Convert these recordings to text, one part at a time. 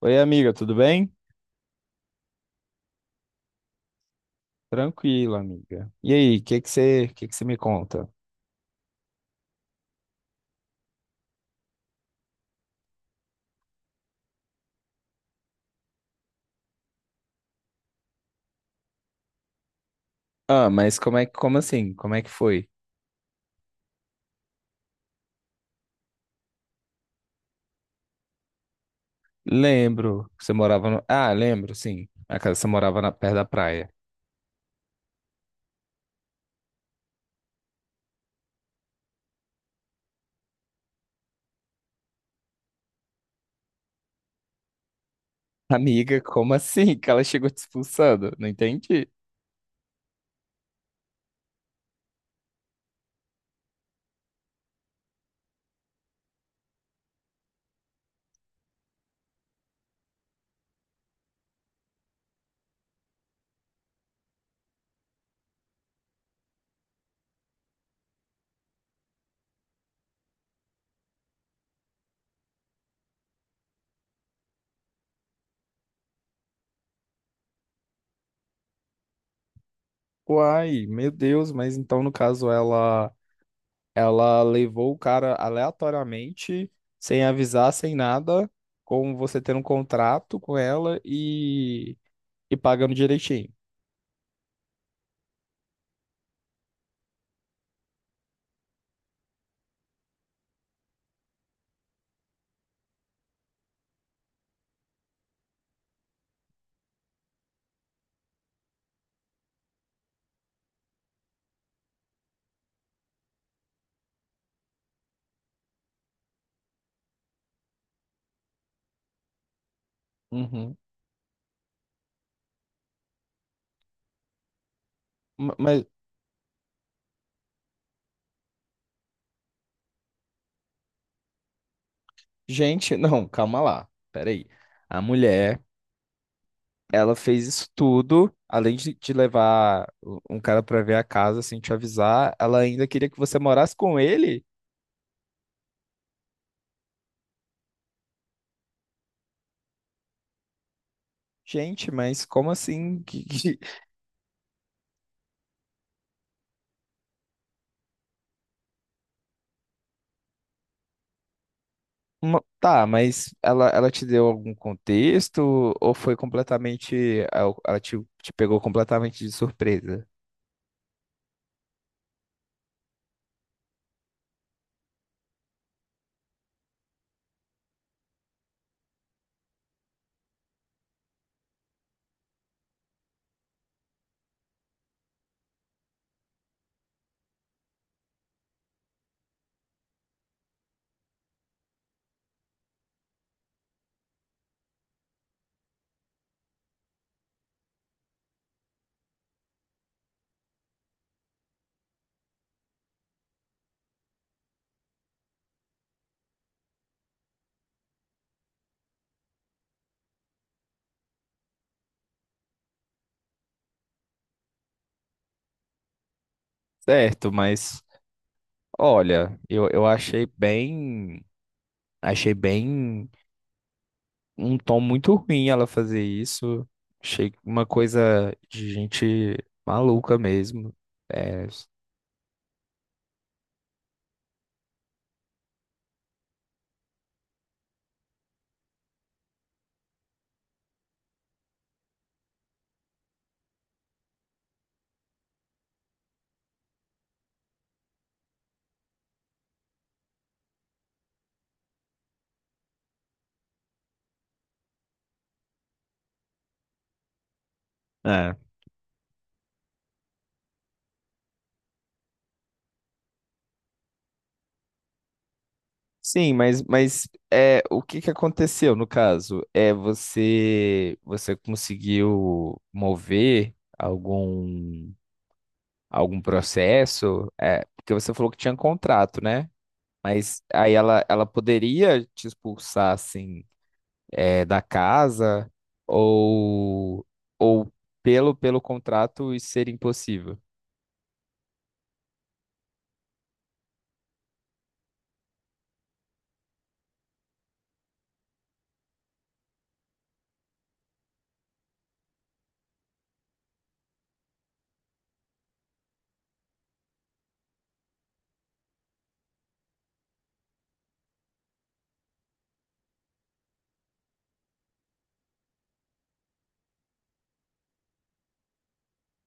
Oi, amiga, tudo bem? Tranquilo, amiga. E aí, o que que você me conta? Ah, mas como assim? Como é que foi? Lembro, você morava no... Ah, lembro, sim. A casa você morava na perto da praia. Amiga, como assim que ela chegou te expulsando? Não entendi. Uai, meu Deus, mas então no caso ela levou o cara aleatoriamente, sem avisar, sem nada, com você tendo um contrato com ela e pagando direitinho. Uhum. Mas gente, não, calma lá. Peraí. A mulher, ela fez isso tudo, além de te levar um cara pra ver a casa sem te avisar, ela ainda queria que você morasse com ele? Gente, mas como assim? Uma- Tá, mas ela te deu algum contexto ou foi completamente? Ela te, te pegou completamente de surpresa? Certo, mas olha, eu achei bem. Achei bem um tom muito ruim ela fazer isso. Achei uma coisa de gente maluca mesmo. É, é. Sim, mas é, o que que aconteceu no caso? É você você conseguiu mover algum processo? É, porque você falou que tinha contrato, né? Mas aí ela poderia te expulsar assim, da casa, ou, ou pelo, pelo contrato isso ser impossível.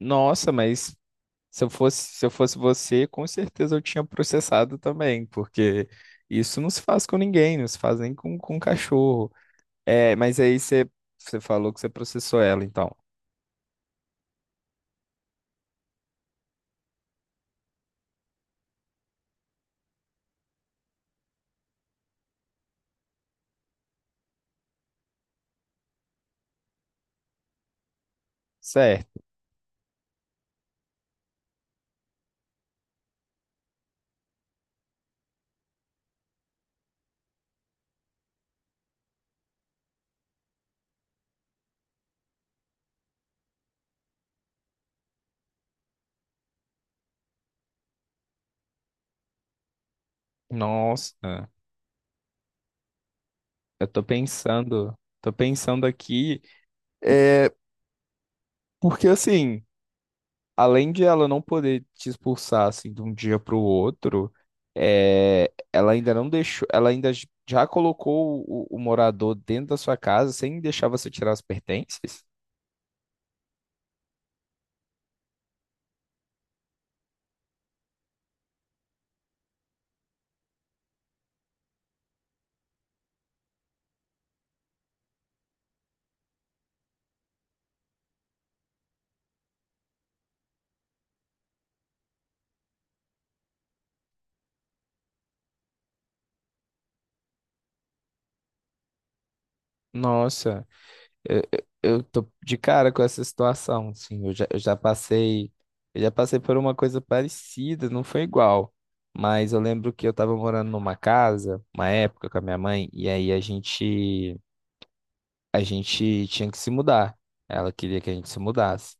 Nossa, mas se eu fosse você, com certeza eu tinha processado também, porque isso não se faz com ninguém, não se faz nem com um cachorro. É, mas aí você, você falou que você processou ela, então. Certo. Nossa, eu tô pensando aqui, é, porque assim, além de ela não poder te expulsar assim de um dia para o outro, é, ela ainda não deixou, ela ainda já colocou o morador dentro da sua casa sem deixar você tirar as pertences? Nossa, eu tô de cara com essa situação, sim. Eu já eu já passei por uma coisa parecida, não foi igual. Mas eu lembro que eu tava morando numa casa, uma época com a minha mãe, e aí a gente tinha que se mudar. Ela queria que a gente se mudasse.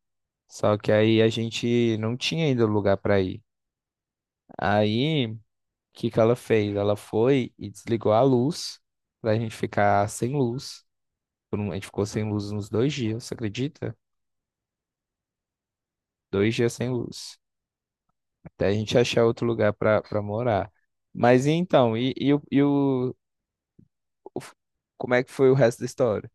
Só que aí a gente não tinha ainda lugar para ir. Aí, o que que ela fez? Ela foi e desligou a luz pra gente ficar sem luz. A gente ficou sem luz uns dois dias, você acredita? Dois dias sem luz. Até a gente achar outro lugar para morar. Mas e então, o f- como é que foi o resto da história?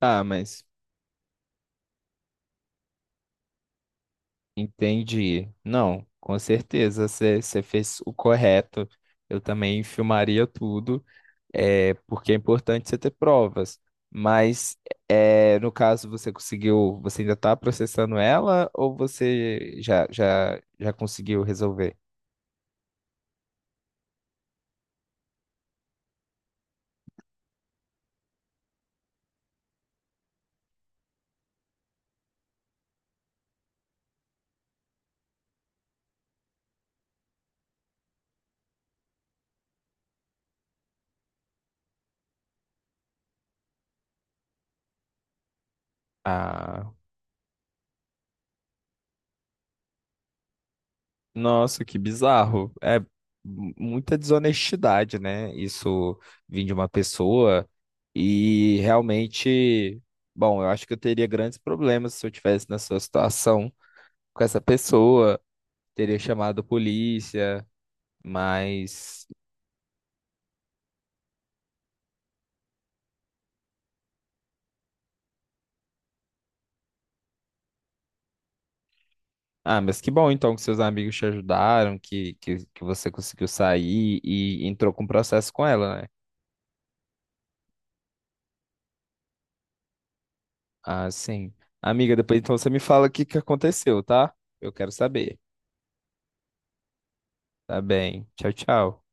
Ah, mas entendi. Não, com certeza você fez o correto. Eu também filmaria tudo. É, porque é importante você ter provas. Mas é, no caso você conseguiu, você ainda está processando ela ou você já conseguiu resolver? Ah, nossa, que bizarro. É muita desonestidade, né? Isso vir de uma pessoa. E realmente, bom, eu acho que eu teria grandes problemas se eu tivesse na sua situação com essa pessoa, teria chamado a polícia, mas... Ah, mas que bom então que seus amigos te ajudaram, que, que você conseguiu sair e entrou com o processo com ela, né? Ah, sim. Amiga, depois então você me fala o que que aconteceu, tá? Eu quero saber. Tá bem. Tchau, tchau.